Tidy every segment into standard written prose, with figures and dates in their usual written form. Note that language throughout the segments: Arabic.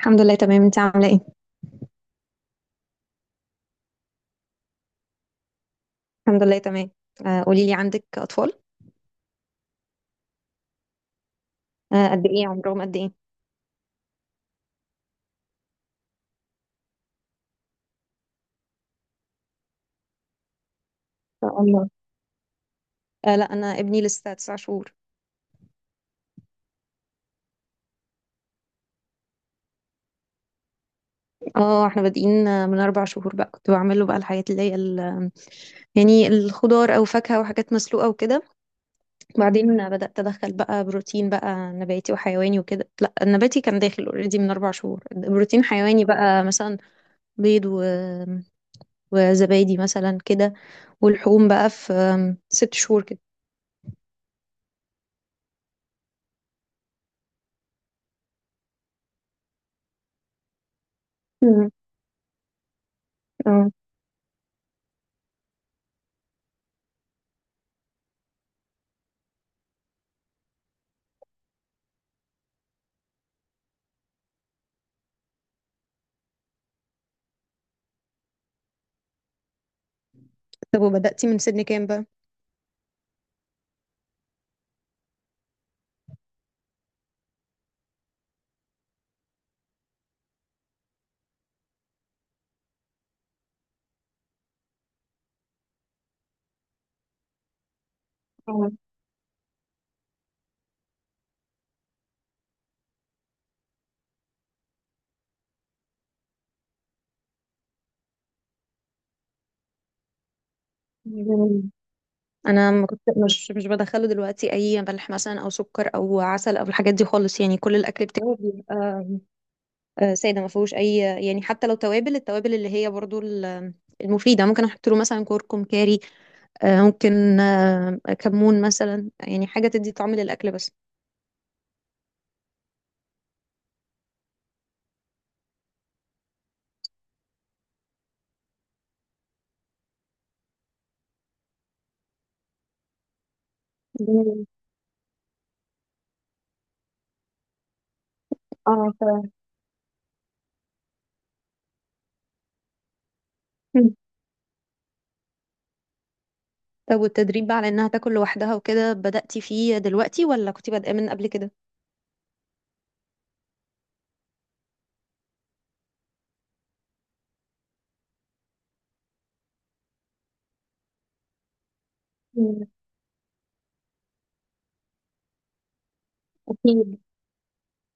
الحمد لله، تمام. انت عامله ايه؟ الحمد لله، تمام. قولي لي، عندك اطفال؟ قد ايه عمرهم قد ايه، ان شاء الله؟ لا، انا ابني لسه 9 شهور. اه، احنا بادئين، من 4 شهور بقى كنت بعمل له بقى الحاجات اللي هي يعني الخضار او فاكهه وحاجات مسلوقه وكده. بعدين بدات ادخل بقى بروتين، بقى نباتي وحيواني وكده. لا، النباتي كان داخل اوريدي من 4 شهور. بروتين حيواني بقى مثلا بيض وزبادي مثلا كده. ولحوم بقى في 6 شهور كده. مم. طب وبدأتي من سن كام بقى؟ آه. جميل. انا ما كنت مش بدخله دلوقتي اي ملح مثلا او سكر او عسل او الحاجات دي خالص، يعني كل الاكل بتاعه بيبقى ساده، ما فيهوش اي، يعني حتى لو التوابل اللي هي برضو المفيده، ممكن احط له مثلا كركم كاري. ممكن كمون مثلا، يعني حاجه تدي طعم للاكل بس. جميل. اه، فعلا. مم. طب والتدريب بقى على انها تاكل لوحدها وكده، بدأتي فيه دلوقتي ولا كنتي بادئه من قبل كده؟ أكيد.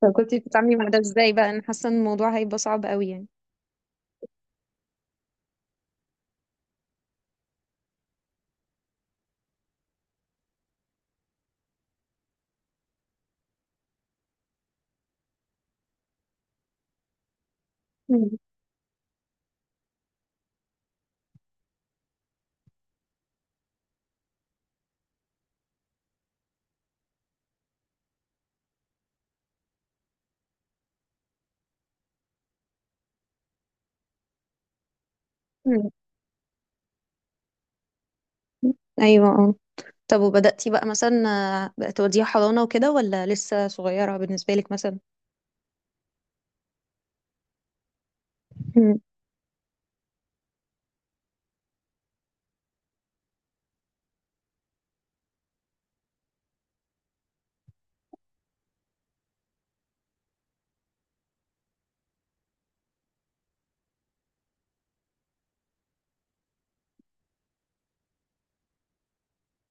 فكنت بتتعاملي مع ده ازاي بقى؟ انا حاسه ان الموضوع هيبقى صعب قوي يعني. مم. مم. ايوه، اه. طب وبدأتي بقى مثلا بقى توديها حضانة وكده ولا لسه صغيرة بالنسبة لك مثلا؟ مم.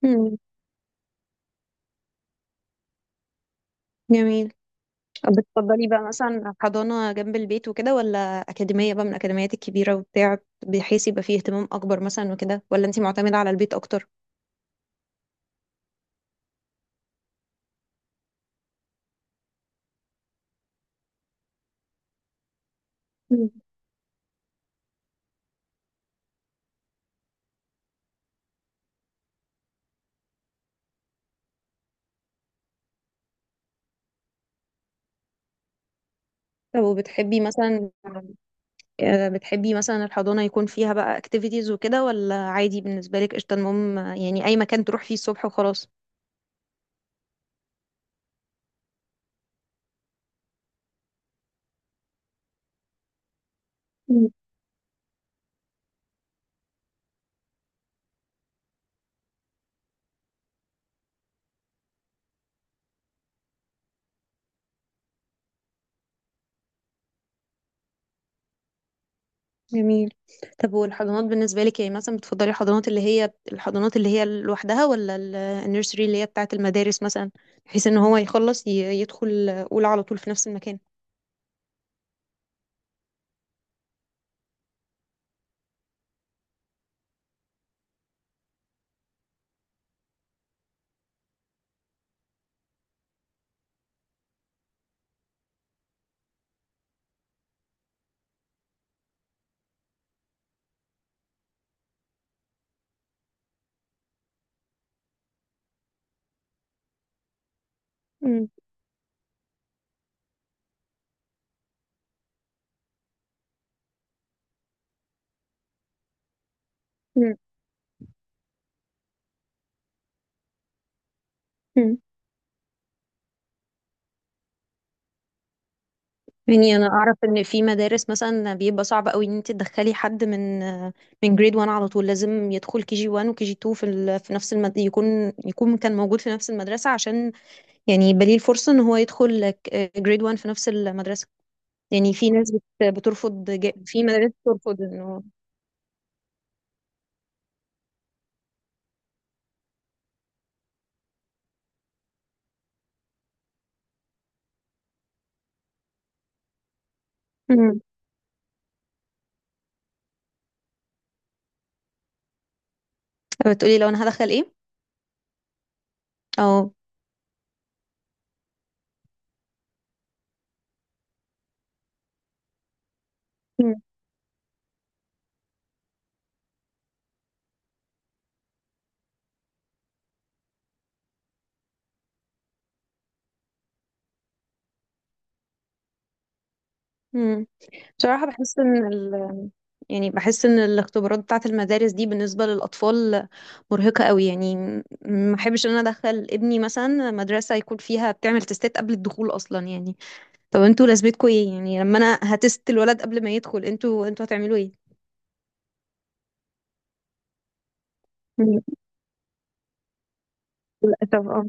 مم. جميل. طب بتفضلي بقى مثلا حضانة جنب البيت وكده ولا أكاديمية بقى من الأكاديميات الكبيرة وبتاع، بحيث يبقى فيه اهتمام أكبر مثلا وكده، ولا أنتي معتمدة على البيت أكتر؟ مم. طب وبتحبي مثلا، بتحبي مثلا الحضانة يكون فيها بقى اكتيفيتيز وكده ولا عادي بالنسبة لك؟ قشطة، المهم يعني أي مكان تروح فيه الصبح وخلاص. مم. جميل. طب والحضانات بالنسبة لك يعني مثلا بتفضلي الحضانات اللي هي لوحدها ولا النيرسري اللي هي بتاعة المدارس مثلا، بحيث ان هو يخلص يدخل أولى على طول في نفس المكان؟ مم. مم. مم. يعني انا اعرف ان في مدارس مثلا بيبقى صعب قوي ان انت تدخلي حد من جريد 1 على طول، لازم يدخل كي جي 1 وكي جي 2 يكون كان موجود في نفس المدرسه، عشان يعني يبقى ليه الفرصه ان هو يدخل جريد 1 في نفس المدرسه. يعني في ناس بترفض، في مدارس بترفض انه. مم. بتقولي لو انا هدخل ايه؟ اه. مم. بصراحة بحس إن. يعني بحس إن الاختبارات بتاعة المدارس دي بالنسبة للأطفال مرهقة قوي يعني. ما أحبش إن أنا أدخل ابني مثلا مدرسة يكون فيها بتعمل تستات قبل الدخول أصلا يعني. طب انتوا لازمتكوا إيه؟ يعني لما أنا هتست الولد قبل ما يدخل انتوا هتعملوا إيه؟ مم. للأسف، اه.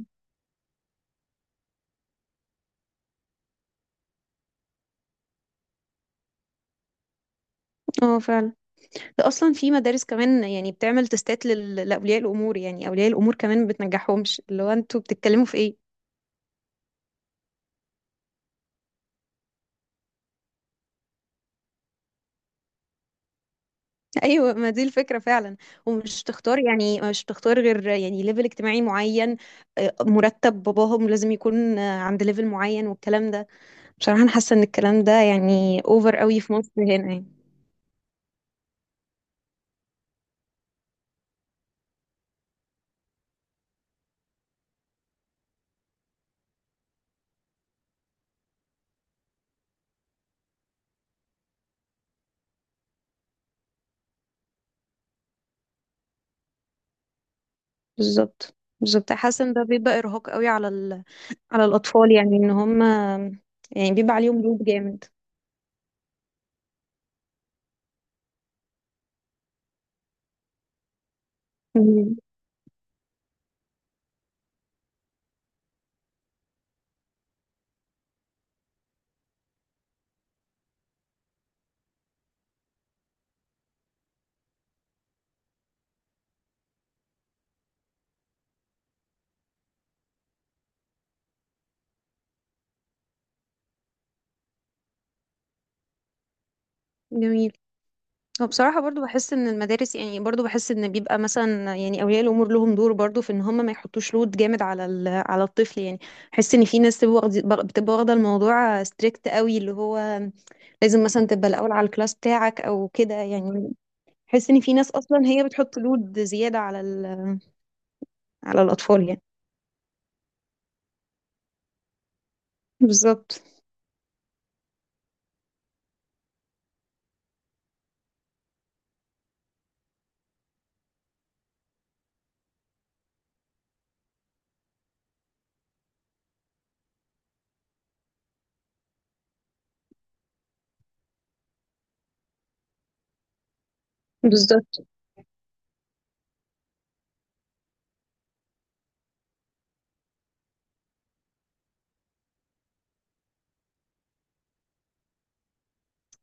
اه، فعلا. ده أصلا في مدارس كمان يعني بتعمل تستات لأولياء الأمور، يعني أولياء الأمور كمان ما بتنجحهمش، اللي هو انتوا بتتكلموا في إيه؟ ايوه، ما دي الفكره فعلا. ومش تختار، يعني مش تختار غير يعني ليفل اجتماعي معين. مرتب باباهم لازم يكون عند ليفل معين والكلام ده. بصراحه انا حاسه ان الكلام ده يعني اوفر قوي في مصر هنا يعني. بالظبط. بالظبط، حاسه ان ده بيبقى ارهاق قوي على الاطفال، يعني ان هم يعني بيبقى عليهم لود جامد. مم. جميل. هو بصراحة برضو بحس ان المدارس، يعني برضو بحس ان بيبقى مثلا يعني اولياء الامور لهم دور برضو في ان هم ما يحطوش لود جامد على الطفل يعني. بحس ان في ناس بتبقى واخدة الموضوع ستريكت قوي، اللي هو لازم مثلا تبقى الاول على الكلاس بتاعك او كده يعني. بحس ان في ناس اصلا هي بتحط لود زيادة على الاطفال يعني. بالظبط. بالظبط.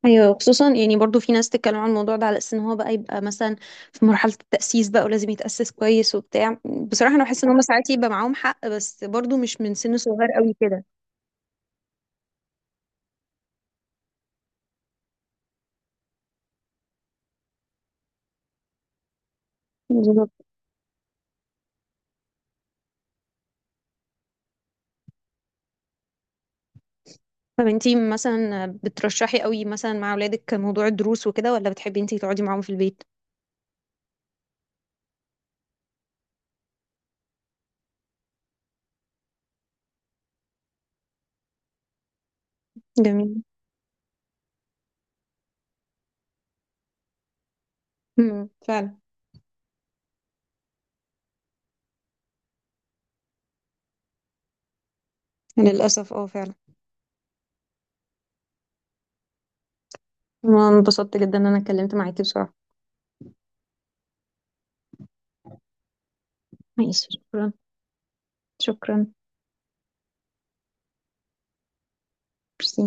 ايوه، خصوصا يعني برضو في ناس تتكلم عن الموضوع ده على اساس ان هو بقى يبقى مثلا في مرحله التاسيس بقى، ولازم يتاسس كويس وبتاع. بصراحه انا بحس ان هم ساعات يبقى معاهم حق، بس برضو مش من سن صغير قوي كده. بالظبط. طب انتي مثلا بترشحي قوي مثلا مع اولادك موضوع الدروس وكده ولا بتحبي انتي تقعدي معاهم في البيت؟ جميل. فعلا. للاسف، اه، فعلا. أنا انبسطت جدا ان انا اتكلمت معاكي بصراحه. ماشي، شكرا. شكرا. ميرسي.